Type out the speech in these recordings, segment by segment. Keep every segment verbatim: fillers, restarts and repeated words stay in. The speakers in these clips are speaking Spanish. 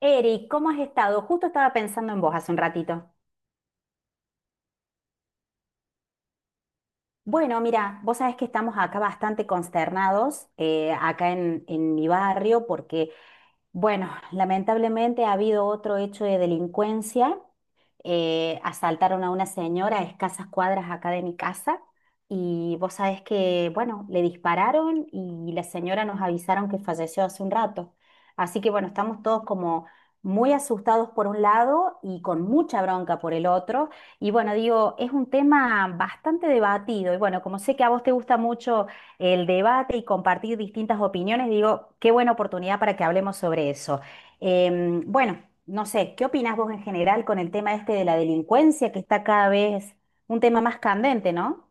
Eric, ¿cómo has estado? Justo estaba pensando en vos hace un ratito. Bueno, mira, vos sabés que estamos acá bastante consternados, eh, acá en, en mi barrio, porque, bueno, lamentablemente ha habido otro hecho de delincuencia eh, asaltaron a una señora a escasas cuadras acá de mi casa y vos sabés que, bueno, le dispararon y la señora nos avisaron que falleció hace un rato. Así que, bueno, estamos todos como muy asustados por un lado y con mucha bronca por el otro. Y bueno, digo, es un tema bastante debatido. Y bueno, como sé que a vos te gusta mucho el debate y compartir distintas opiniones, digo, qué buena oportunidad para que hablemos sobre eso. Em, bueno. No sé, ¿qué opinás vos en general con el tema este de la delincuencia, que está cada vez un tema más candente, ¿no?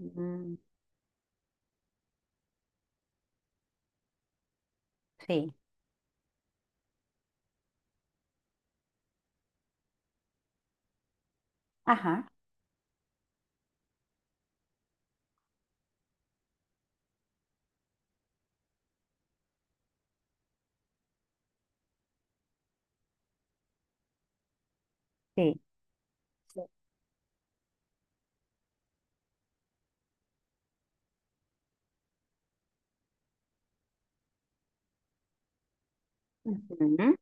Mm, sí. Ajá, sí. Sí. Ujú.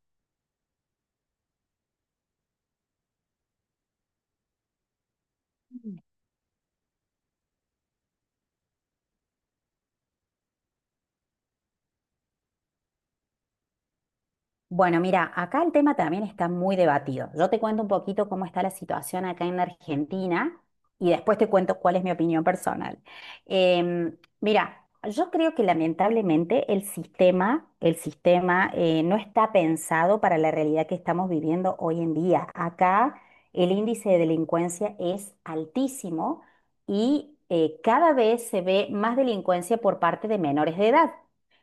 Bueno, mira, acá el tema también está muy debatido. Yo te cuento un poquito cómo está la situación acá en Argentina y después te cuento cuál es mi opinión personal. Em, mira, yo creo que lamentablemente el sistema, el sistema eh, no está pensado para la realidad que estamos viviendo hoy en día. Acá el índice de delincuencia es altísimo y eh, cada vez se ve más delincuencia por parte de menores de edad.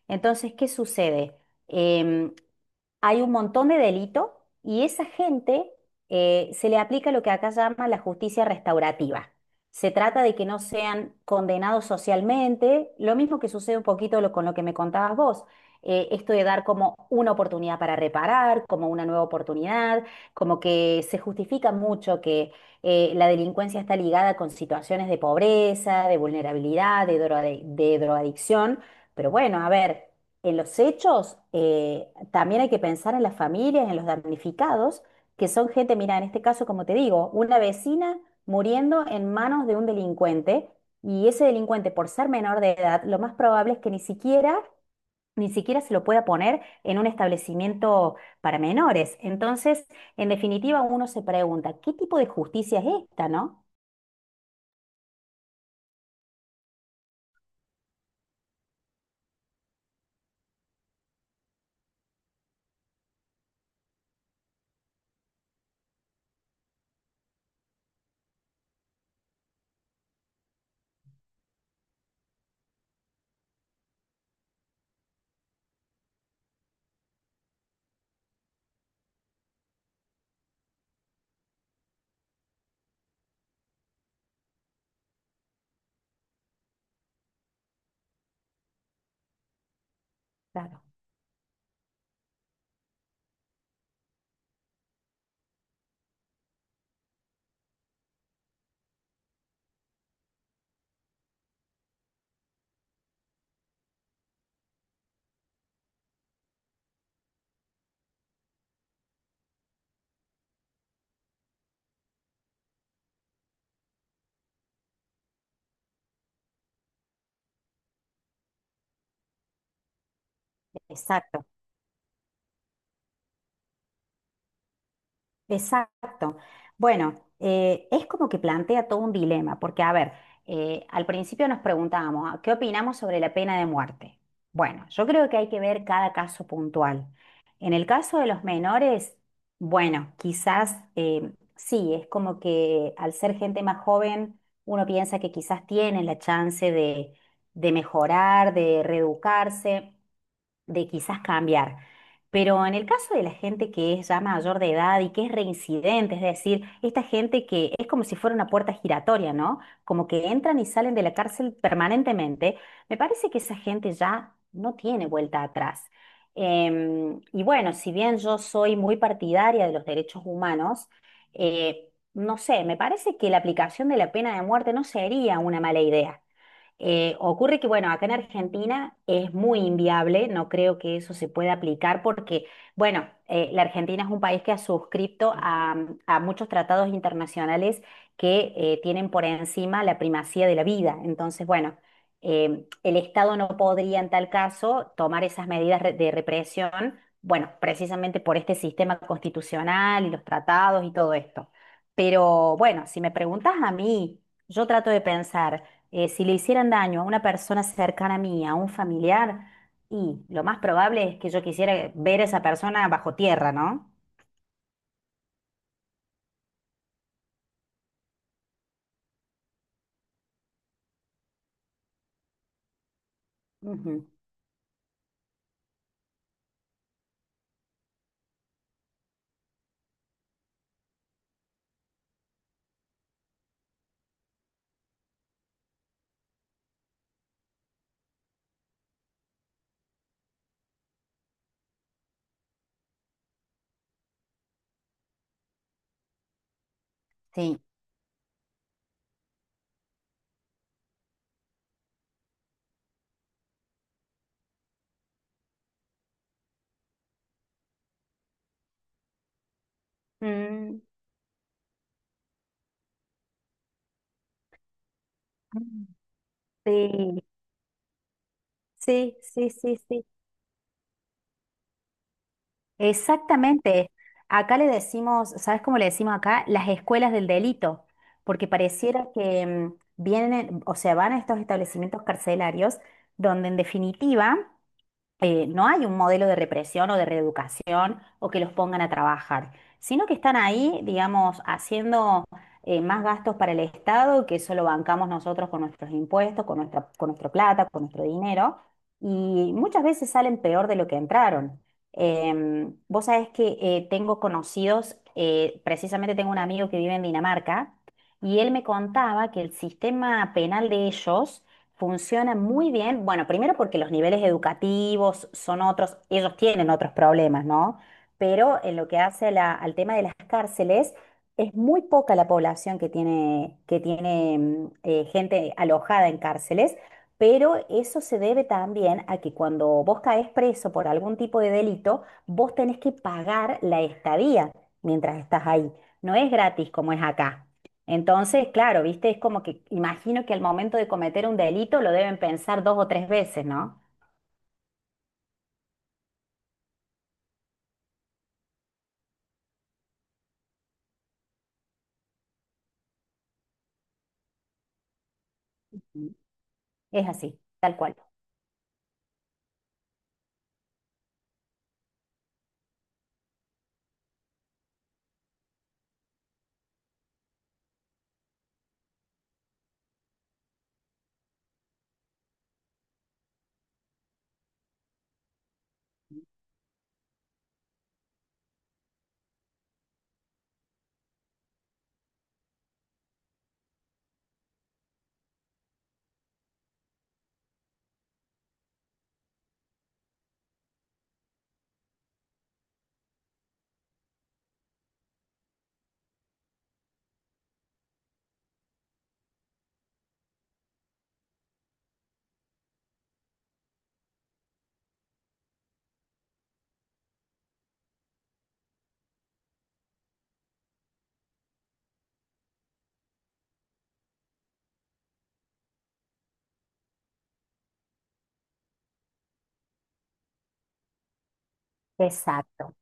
Entonces, ¿qué sucede? Em, hay un montón de delito y esa gente eh, se le aplica lo que acá llama la justicia restaurativa. Se trata de que no sean condenados socialmente, lo mismo que sucede un poquito lo- con lo que me contabas vos, eh, esto de dar como una oportunidad para reparar, como una nueva oportunidad, como que se justifica mucho que eh, la delincuencia está ligada con situaciones de pobreza, de vulnerabilidad, de droga- de drogadicción, pero bueno, a ver. En los hechos, eh, también hay que pensar en las familias, en los damnificados, que son gente, mira, en este caso, como te digo, una vecina muriendo en manos de un delincuente y ese delincuente, por ser menor de edad, lo más probable es que ni siquiera, ni siquiera se lo pueda poner en un establecimiento para menores. Entonces, en definitiva, uno se pregunta, ¿qué tipo de justicia es esta, no? Claro. Exacto. Exacto. Bueno, eh, es como que plantea todo un dilema, porque a ver, eh, al principio nos preguntábamos, ah, ¿qué opinamos sobre la pena de muerte? Bueno, yo creo que hay que ver cada caso puntual. En el caso de los menores, bueno, quizás eh, sí, es como que al ser gente más joven, uno piensa que quizás tienen la chance de, de mejorar, de reeducarse de quizás cambiar. Pero en el caso de la gente que es ya mayor de edad y que es reincidente, es decir, esta gente que es como si fuera una puerta giratoria, ¿no? Como que entran y salen de la cárcel permanentemente, me parece que esa gente ya no tiene vuelta atrás. Em, y bueno, si bien yo soy muy partidaria de los derechos humanos, eh, no sé, me parece que la aplicación de la pena de muerte no sería una mala idea. Eh, ocurre que, bueno, acá en Argentina es muy inviable, no creo que eso se pueda aplicar porque, bueno, eh, la Argentina es un país que ha suscrito a, a muchos tratados internacionales que eh, tienen por encima la primacía de la vida. Entonces, bueno, eh, el Estado no podría en tal caso tomar esas medidas re- de represión, bueno, precisamente por este sistema constitucional y los tratados y todo esto. Pero bueno, si me preguntas a mí, yo trato de pensar eh, si le hicieran daño a una persona cercana a mí, a un familiar, y lo más probable es que yo quisiera ver a esa persona bajo tierra, ¿no? Ujú. Sí. Mm, sí, sí, sí, sí, sí. Exactamente. Acá le decimos, ¿sabes cómo le decimos acá? Las escuelas del delito, porque pareciera que mm, vienen, o sea, van a estos establecimientos carcelarios donde en definitiva eh, no hay un modelo de represión o de reeducación o que los pongan a trabajar, sino que están ahí, digamos, haciendo eh, más gastos para el Estado que solo bancamos nosotros con nuestros impuestos, con nuestra, con nuestra plata, con nuestro dinero, y muchas veces salen peor de lo que entraron. Em, vos sabés que eh, tengo conocidos, eh, precisamente tengo un amigo que vive en Dinamarca, y él me contaba que el sistema penal de ellos funciona muy bien. Bueno, primero porque los niveles educativos son otros, ellos tienen otros problemas, ¿no? Pero en lo que hace la- al tema de las cárceles, es muy poca la población que tiene, que tiene mm, eh, gente alojada en cárceles, pero eso se debe también a que cuando vos caes preso por algún tipo de delito, vos tenés que pagar la estadía mientras estás ahí. No es gratis como es acá. Entonces, claro, viste, es como que imagino que al momento de cometer un delito lo deben pensar dos o tres veces, ¿no? Es así, tal cual. Exacto,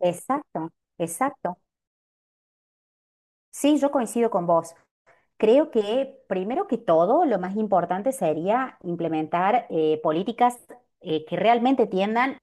exacto, exacto. Sí, yo coincido con vos. Creo que primero que todo, lo más importante sería implementar eh, políticas eh, que realmente tiendan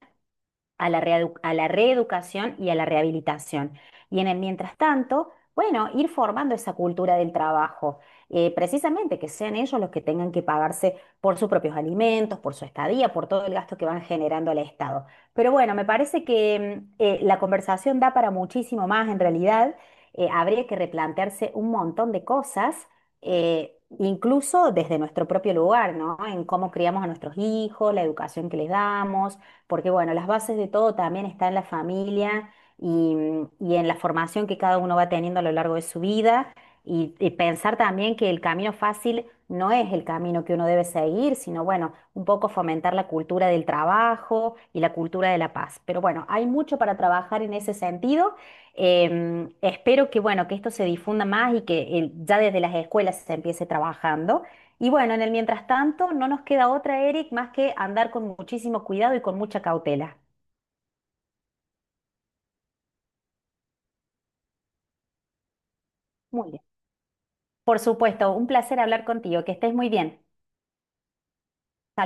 a la reedu- a la reeducación y a la rehabilitación. Y en el mientras tanto, bueno, ir formando esa cultura del trabajo, eh, precisamente que sean ellos los que tengan que pagarse por sus propios alimentos, por su estadía, por todo el gasto que van generando al Estado. Pero bueno, me parece que mm, eh, la conversación da para muchísimo más en realidad. Eh, habría que replantearse un montón de cosas. eh, Incluso desde nuestro propio lugar, ¿no? En cómo criamos a nuestros hijos, la educación que les damos, porque bueno, las bases de todo también está en la familia y, y en la formación que cada uno va teniendo a lo largo de su vida y, y pensar también que el camino fácil no es el camino que uno debe seguir, sino bueno, un poco fomentar la cultura del trabajo y la cultura de la paz. Pero bueno, hay mucho para trabajar en ese sentido. Em, espero que bueno, que esto se difunda más y que el- ya desde las escuelas se empiece trabajando. Y bueno, en el mientras tanto, no nos queda otra, Eric, más que andar con muchísimo cuidado y con mucha cautela. Muy bien. Por supuesto, un placer hablar contigo, que estés muy bien.